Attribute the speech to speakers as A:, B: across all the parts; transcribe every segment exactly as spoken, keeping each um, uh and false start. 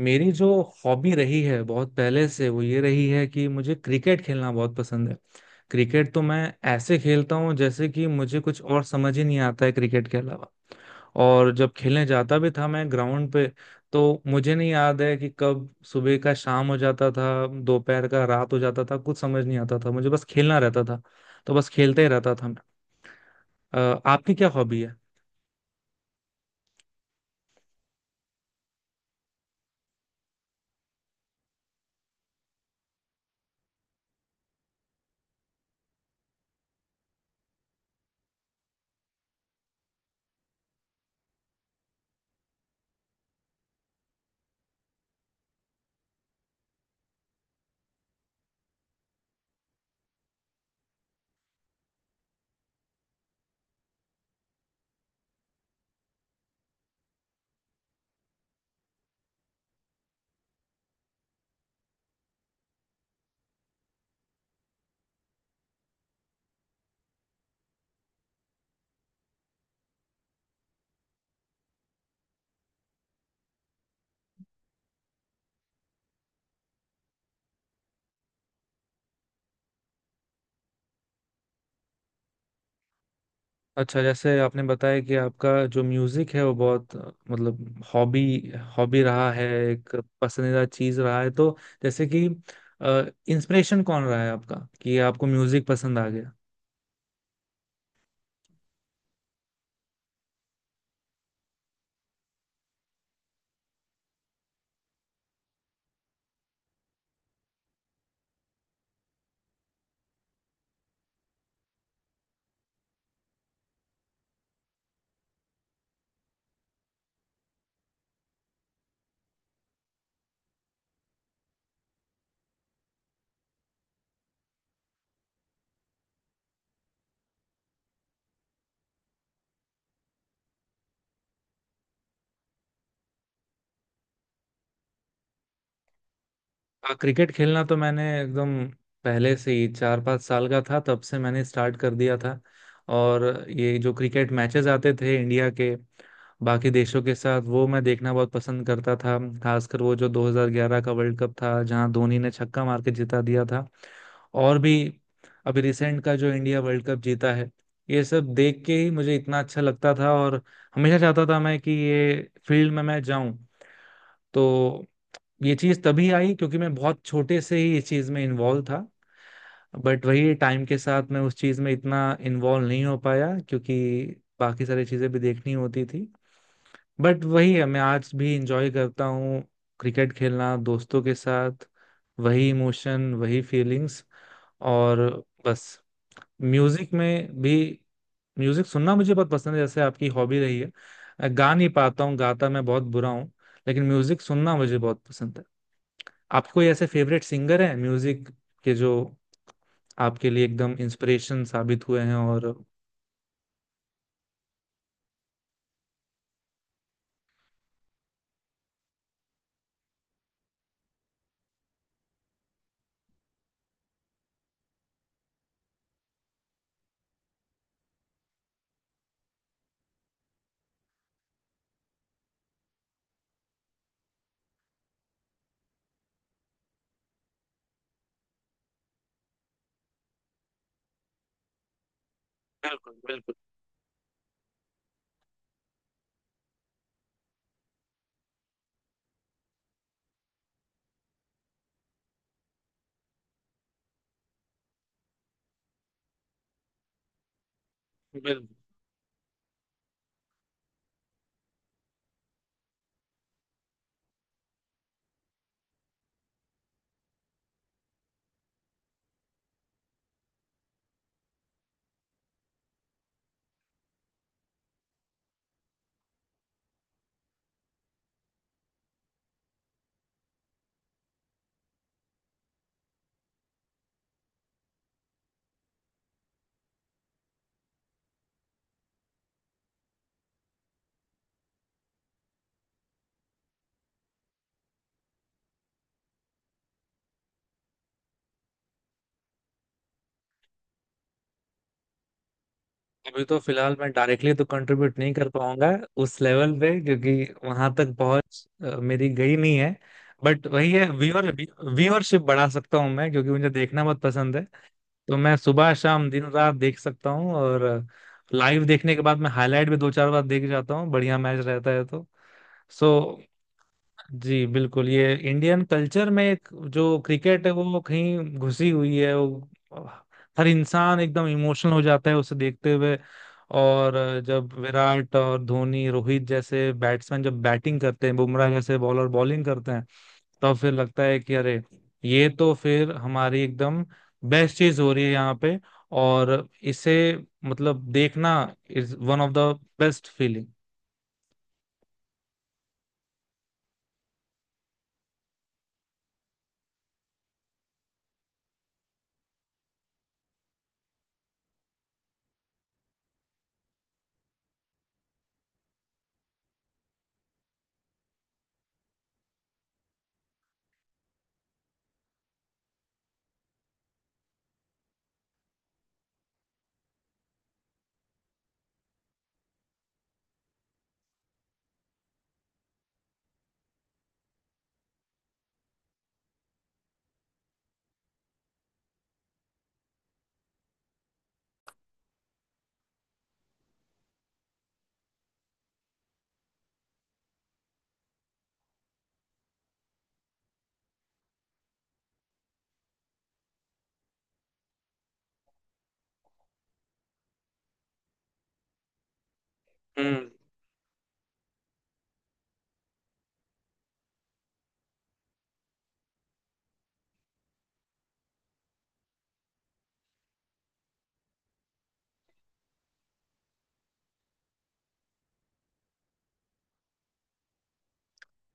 A: मेरी जो हॉबी रही है बहुत पहले से वो ये रही है कि मुझे क्रिकेट खेलना बहुत पसंद है। क्रिकेट तो मैं ऐसे खेलता हूँ जैसे कि मुझे कुछ और समझ ही नहीं आता है क्रिकेट के अलावा। और जब खेलने जाता भी था मैं ग्राउंड पे तो मुझे नहीं याद है कि कब सुबह का शाम हो जाता था, दोपहर का रात हो जाता था, कुछ समझ नहीं आता था, मुझे बस खेलना रहता था। तो बस खेलते ही रहता था मैं। अ, आपकी क्या हॉबी है? अच्छा, जैसे आपने बताया कि आपका जो म्यूजिक है वो बहुत अ, मतलब हॉबी हॉबी रहा है, एक पसंदीदा चीज रहा है। तो जैसे कि इंस्पिरेशन कौन रहा है आपका कि आपको म्यूजिक पसंद आ गया? अ, क्रिकेट खेलना तो मैंने एकदम पहले से ही, चार पाँच साल का था तब से मैंने स्टार्ट कर दिया था। और ये जो क्रिकेट मैचेस आते थे इंडिया के बाकी देशों के साथ वो मैं देखना बहुत पसंद करता था, खासकर वो जो दो हज़ार ग्यारह का वर्ल्ड कप था जहां धोनी ने छक्का मार के जिता दिया था। और भी अभी रिसेंट का जो इंडिया वर्ल्ड कप जीता है, ये सब देख के ही मुझे इतना अच्छा लगता था और हमेशा चाहता था मैं कि ये फील्ड में मैं जाऊं। तो ये चीज़ तभी आई क्योंकि मैं बहुत छोटे से ही इस चीज़ में इन्वॉल्व था। बट वही टाइम के साथ मैं उस चीज़ में इतना इन्वॉल्व नहीं हो पाया क्योंकि बाकी सारी चीज़ें भी देखनी होती थी। बट वही है, मैं आज भी इंजॉय करता हूँ क्रिकेट खेलना दोस्तों के साथ। वही इमोशन, वही फीलिंग्स। और बस, म्यूजिक में भी म्यूजिक सुनना मुझे बहुत पसंद है, जैसे आपकी हॉबी रही है। गा नहीं पाता हूँ, गाता मैं बहुत बुरा हूँ, लेकिन म्यूजिक सुनना मुझे बहुत पसंद है। आपको कोई ऐसे फेवरेट सिंगर हैं म्यूजिक के जो आपके लिए एकदम इंस्पिरेशन साबित हुए हैं? और बिल्कुल, बिल्कुल, बिल्कुल। अभी तो फिलहाल मैं डायरेक्टली तो कंट्रीब्यूट नहीं कर पाऊंगा उस लेवल पे, क्योंकि वहां तक पहुंच अ, मेरी गई नहीं है। बट वही है, व्यूअर व्यूअरशिप बढ़ा सकता हूँ मैं क्योंकि मुझे देखना बहुत पसंद है। तो मैं सुबह शाम दिन रात देख सकता हूँ और लाइव देखने के बाद मैं हाईलाइट भी दो चार बार देख जाता हूँ, बढ़िया मैच रहता है तो। सो जी बिल्कुल, ये इंडियन कल्चर में एक, जो क्रिकेट है वो कहीं घुसी हुई है। वो हर इंसान एकदम इमोशनल हो जाता है उसे देखते हुए। और जब विराट और धोनी रोहित जैसे बैट्समैन जब बैटिंग करते हैं, बुमराह जैसे बॉलर बॉलिंग करते हैं, तब फिर लगता है कि अरे, ये तो फिर हमारी एकदम बेस्ट चीज हो रही है यहाँ पे। और इसे मतलब देखना is one of the best feeling.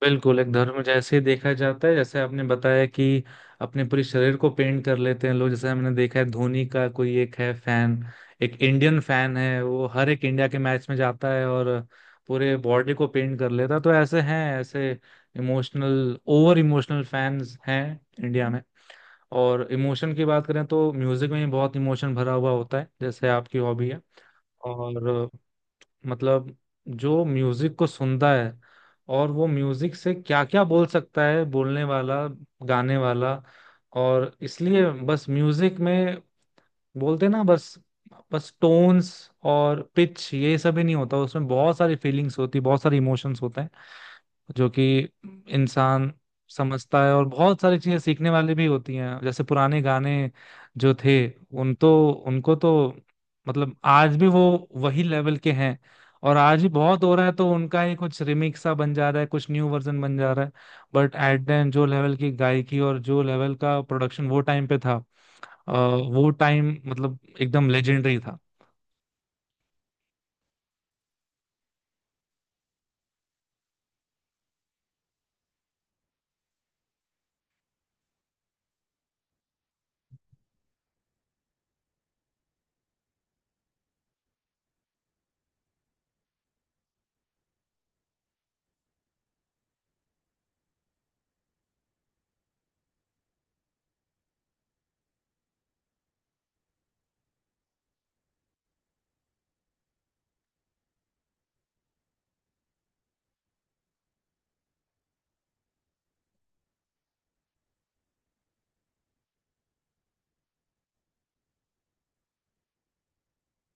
A: बिल्कुल एक धर्म जैसे ही देखा जाता है। जैसे आपने बताया कि अपने पूरे शरीर को पेंट कर लेते हैं लोग, जैसे हमने देखा है धोनी का कोई एक है फैन, एक इंडियन फैन है, वो हर एक इंडिया के मैच में जाता है और पूरे बॉडी को पेंट कर लेता है। तो ऐसे हैं, ऐसे इमोशनल ओवर इमोशनल फैंस हैं इंडिया में। और इमोशन की बात करें तो म्यूजिक में भी बहुत इमोशन भरा हुआ होता है, जैसे आपकी हॉबी है। और मतलब जो म्यूजिक को सुनता है और वो म्यूजिक से क्या क्या बोल सकता है, बोलने वाला, गाने वाला। और इसलिए बस म्यूजिक में बोलते ना, बस बस टोन्स और पिच ये सब ही नहीं होता, उसमें बहुत सारी फीलिंग्स होती, बहुत सारे इमोशंस होते हैं जो कि इंसान समझता है। और बहुत सारी चीजें सीखने वाली भी होती हैं, जैसे पुराने गाने जो थे, उन तो उनको तो मतलब आज भी वो वही लेवल के हैं। और आज भी बहुत हो रहा है तो उनका ही कुछ रिमिक्स सा बन जा रहा है, कुछ न्यू वर्जन बन जा रहा है। बट एट द एंड जो लेवल की गायकी और जो लेवल का प्रोडक्शन वो टाइम पे था, अ, वो टाइम मतलब एकदम लेजेंडरी था।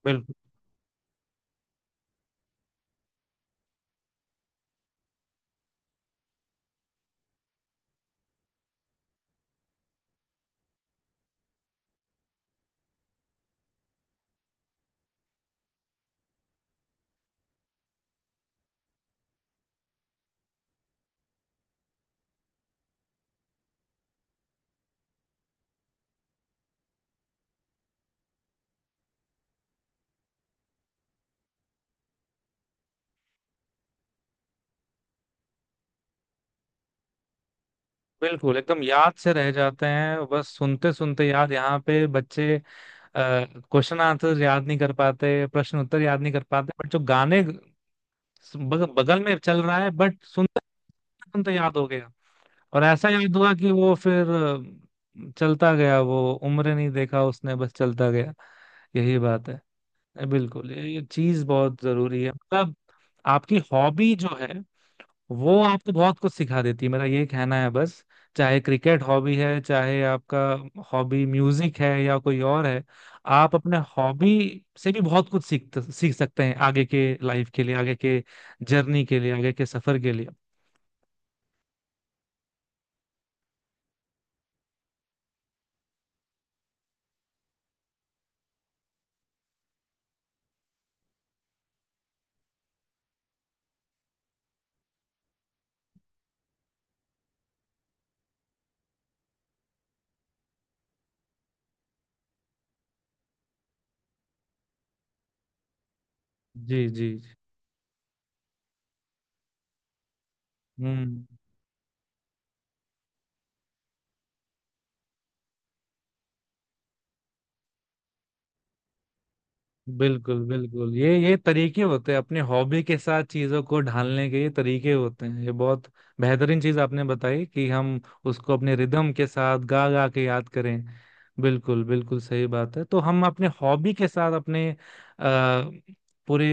A: बिल्कुल बिल्कुल एकदम याद से रह जाते हैं, बस सुनते सुनते याद। यहाँ पे बच्चे क्वेश्चन आंसर याद नहीं कर पाते, प्रश्न उत्तर याद नहीं कर पाते, बट जो गाने बग, बगल में चल रहा है बट सुनते सुनते याद हो गया। और ऐसा याद हुआ कि वो फिर अ, चलता गया, वो उम्र नहीं देखा उसने, बस चलता गया। यही बात है। बिल्कुल ये, ये चीज बहुत जरूरी है। मतलब आपकी हॉबी जो है वो आपको बहुत कुछ सिखा देती है, मेरा ये कहना है बस। चाहे क्रिकेट हॉबी है, चाहे आपका हॉबी म्यूजिक है या कोई और है, आप अपने हॉबी से भी बहुत कुछ सीख सीख सकते हैं आगे के लाइफ के लिए, आगे के जर्नी के लिए, आगे के सफर के लिए। जी जी जी। हम्म। बिल्कुल बिल्कुल ये ये तरीके होते हैं अपने हॉबी के साथ चीजों को ढालने के, ये तरीके होते हैं। ये बहुत बेहतरीन चीज आपने बताई कि हम उसको अपने रिदम के साथ गा गा के याद करें। बिल्कुल बिल्कुल सही बात है। तो हम अपने हॉबी के साथ अपने अ, पूरे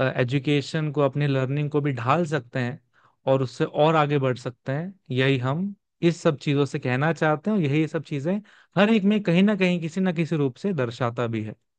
A: एजुकेशन को, अपने लर्निंग को भी ढाल सकते हैं और उससे और आगे बढ़ सकते हैं। यही हम इस सब चीजों से कहना चाहते हैं, और यही सब चीजें हर एक में कहीं ना कहीं किसी ना किसी रूप से दर्शाता भी है।